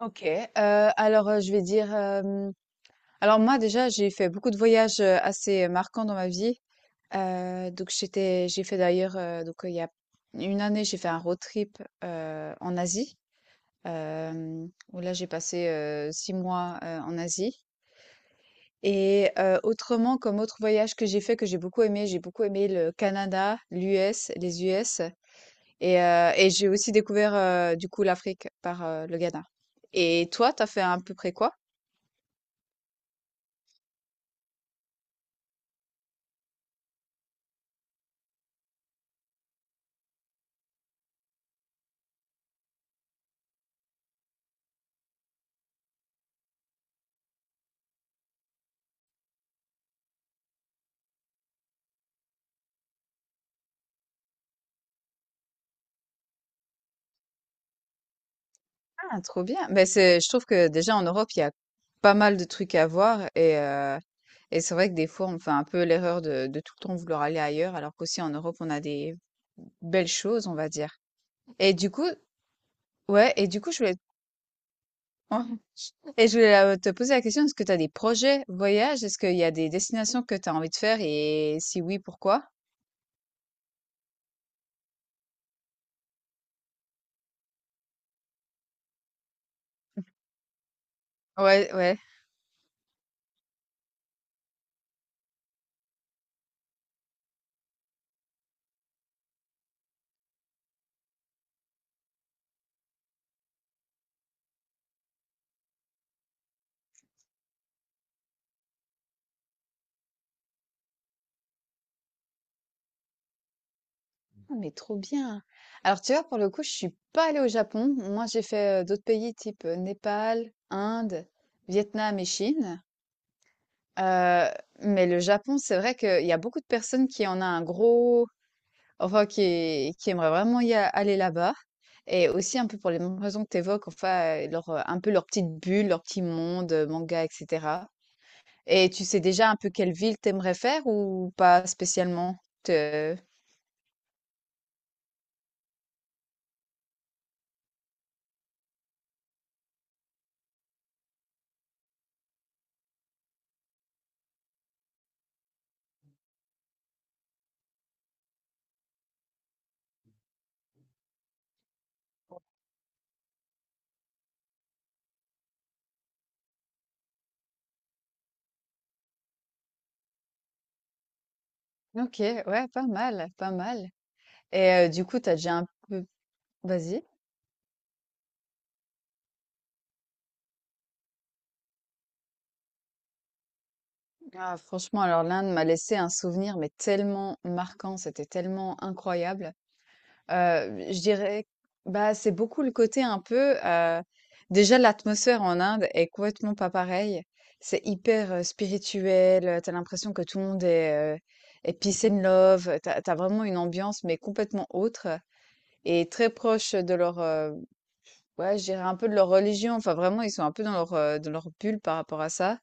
Je vais dire, alors moi déjà j'ai fait beaucoup de voyages, assez marquants dans ma vie, donc j'ai fait d'ailleurs, il y a une année j'ai fait un road trip, en Asie, où là j'ai passé, 6 mois, en Asie. Et autrement comme autre voyage que j'ai fait, que j'ai beaucoup aimé le Canada, l'US, les US. Et j'ai aussi découvert, du coup, l'Afrique par, le Ghana. Et toi, t'as fait à peu près quoi? Ah, trop bien. Ben c'est, je trouve que déjà en Europe, il y a pas mal de trucs à voir, et c'est vrai que des fois, on fait un peu l'erreur de tout le temps vouloir aller ailleurs, alors qu'aussi en Europe, on a des belles choses, on va dire. Et du coup, ouais, et du coup, je voulais, et je voulais te poser la question, est-ce que tu as des projets voyages? Est-ce qu'il y a des destinations que tu as envie de faire et si oui, pourquoi? Ouais, ouais. Ah, mais trop bien! Alors, tu vois, pour le coup, je suis pas allée au Japon. Moi, j'ai fait, d'autres pays type, Népal, Inde, Vietnam et Chine. Heu, mais le Japon, c'est vrai qu'il y a beaucoup de personnes qui en a un gros, enfin, qui aimeraient vraiment y a aller là-bas, et aussi un peu pour les mêmes raisons que tu évoques, enfin, leur, un peu leur petite bulle, leur petit monde, manga et cetera. Et tu sais déjà un peu quelle ville t'aimerais faire ou pas spécialement? Te OK, ouais, pas mal, pas mal. Du coup, t'as déjà un peu... Vas-y. Ah, franchement, alors l'Inde m'a laissé un souvenir, mais tellement marquant, c'était tellement incroyable. Je dirais, bah, c'est beaucoup le côté un peu... déjà, l'atmosphère en Inde est complètement pas pareille. C'est hyper spirituel, t'as l'impression que tout le monde est, est peace and love, t'as vraiment une ambiance, mais complètement autre. Et très proche de leur, ouais, je dirais un peu de leur religion. Enfin, vraiment, ils sont un peu dans leur bulle par rapport à ça.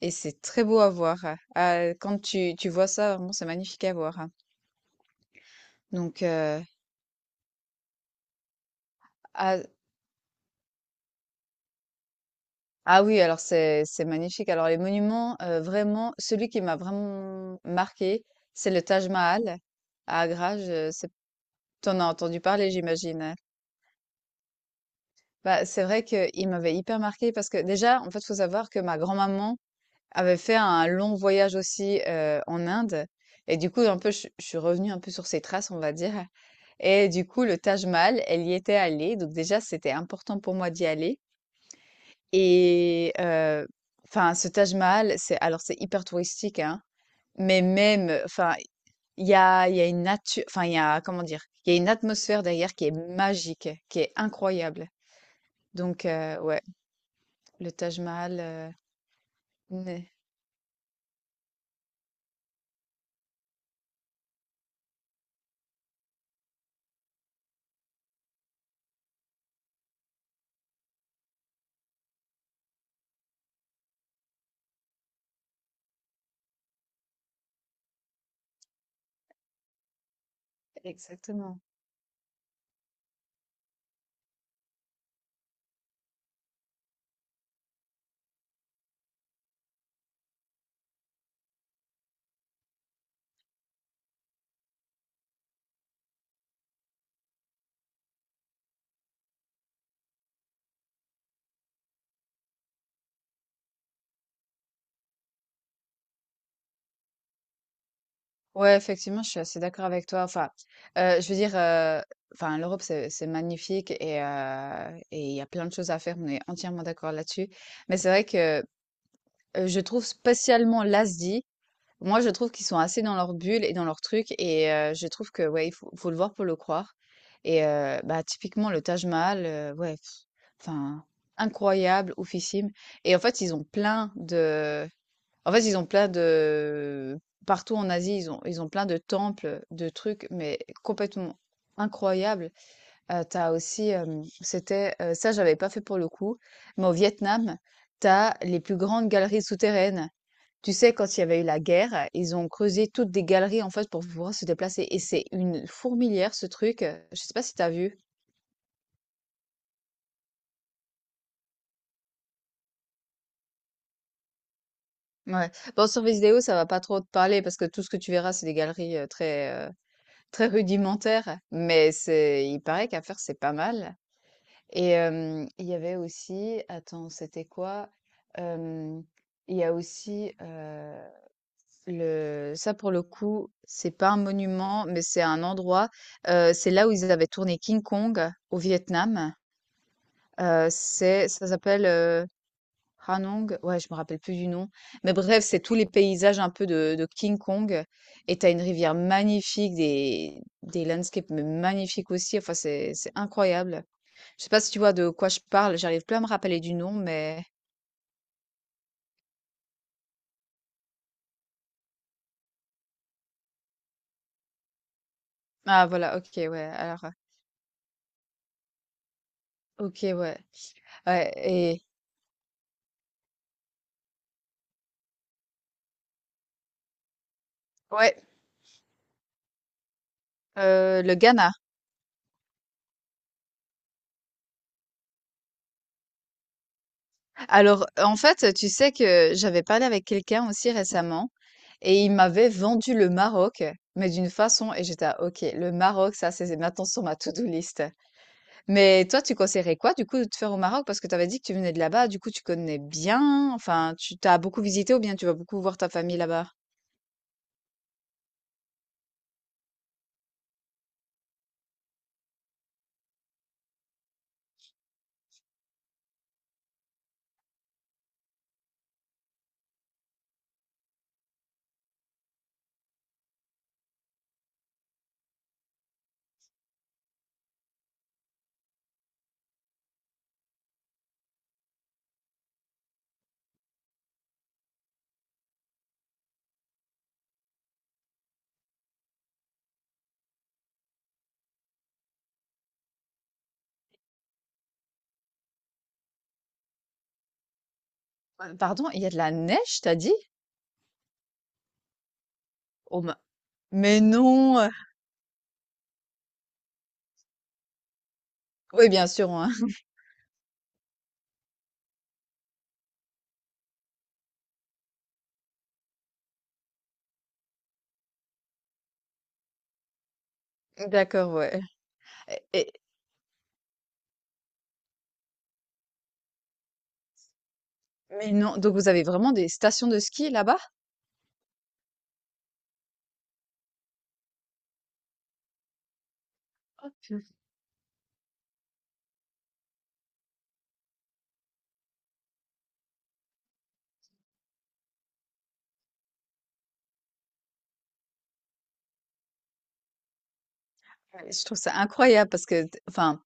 Et c'est très beau à voir, hein. Ah, quand tu vois ça, vraiment, c'est magnifique à voir, hein. Donc, ah, ah oui, alors c'est magnifique. Alors, les monuments, vraiment, celui qui m'a vraiment marqué, c'est le Taj Mahal à Agra. Je, c'est, t'en as entendu parler, j'imagine, hein. Bah, c'est vrai qu'il m'avait hyper marqué parce que déjà, en fait, faut savoir que ma grand-maman avait fait un long voyage aussi, en Inde. Et du coup, un peu, je suis revenue un peu sur ses traces, on va dire. Et du coup, le Taj Mahal, elle y était allée, donc déjà, c'était important pour moi d'y aller. et heu, enfin, ce Taj Mahal, c'est, alors, c'est hyper touristique, hein, mais même, enfin, il y a, une nature, enfin, il y a, comment dire? Il y a une atmosphère derrière qui est magique, qui est incroyable. Donc ouais, le Taj Mahal, n exactement. Ouais, effectivement, je suis assez d'accord avec toi. Enfin, je veux dire, enfin, l'Europe, c'est magnifique et il y a plein de choses à faire. On est entièrement d'accord là-dessus. Mais c'est vrai que, je trouve spécialement l'Asie, moi, je trouve qu'ils sont assez dans leur bulle et dans leur truc. Je trouve que, ouais, il faut le voir pour le croire. Bah, typiquement, le Taj Mahal, ouais, pff, enfin, incroyable, oufissime. Et en fait, ils ont plein de en fait, ils ont plein de, partout en Asie, ils ont, plein de temples, de trucs, mais complètement incroyables. Tu aussi, c'était, ça j'avais pas fait pour le coup, mais au Vietnam, t'as les plus grandes galeries souterraines. Tu sais, quand il y avait eu la guerre, ils ont creusé toutes des galeries, en fait, pour pouvoir se déplacer, et c'est une fourmilière ce truc. Je sais pas si t'as vu? Ouais. Bon, sur vidéo, ça va pas trop te parler parce que tout ce que tu verras, c'est des galeries, très, très rudimentaire, mais c'est, il paraît qu'à faire, c'est pas mal. Il y avait aussi, attends, c'était quoi? Hem, il y a aussi, le, ça pour le coup, c'est pas un monument, mais c'est un endroit, c'est là où ils avaient tourné King Kong au Vietnam. C'est, ça s'appelle Ranong, ouais, je me rappelle plus du nom. Mais bref, c'est tous les paysages un peu de King Kong. Et t'as une rivière magnifique, des landscapes mais magnifiques aussi. Enfin, c'est incroyable. Je sais pas si tu vois de quoi je parle. J'arrive plus à me rappeler du nom, mais. Ah, voilà, ok, ouais. Alors, ok, ouais. Ouais, et. Ouais, le Ghana. Alors, en fait, tu sais que j'avais parlé avec quelqu'un aussi récemment et il m'avait vendu le Maroc, mais d'une façon, et j'étais à, OK, le Maroc, ça, c'est maintenant sur ma to-do list. Mais toi, tu conseillerais quoi, du coup, de te faire au Maroc? Parce que tu avais dit que tu venais de là-bas, du coup, tu connais bien, enfin, tu t'as beaucoup visité ou bien tu vas beaucoup voir ta famille là-bas. Pardon, il y a de la neige, t'as dit? Oh Ma- mais non! Oui, bien sûr, hein. D'accord, ouais. Et- et- mais non, donc vous avez vraiment des stations de ski là-bas? Ouais, je trouve ça incroyable parce que, enfin,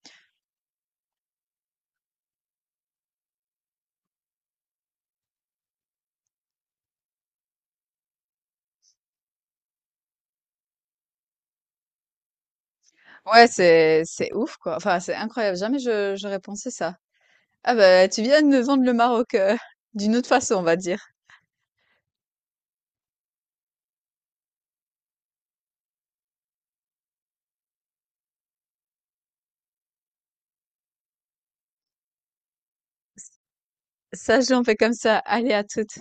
ouais, c'est ouf quoi. Enfin, c'est incroyable. Jamais je j'aurais pensé ça. Ah bah, tu viens de me vendre le Maroc, d'une autre façon, on va dire. Ça, j'en fais comme ça. Allez, à toutes.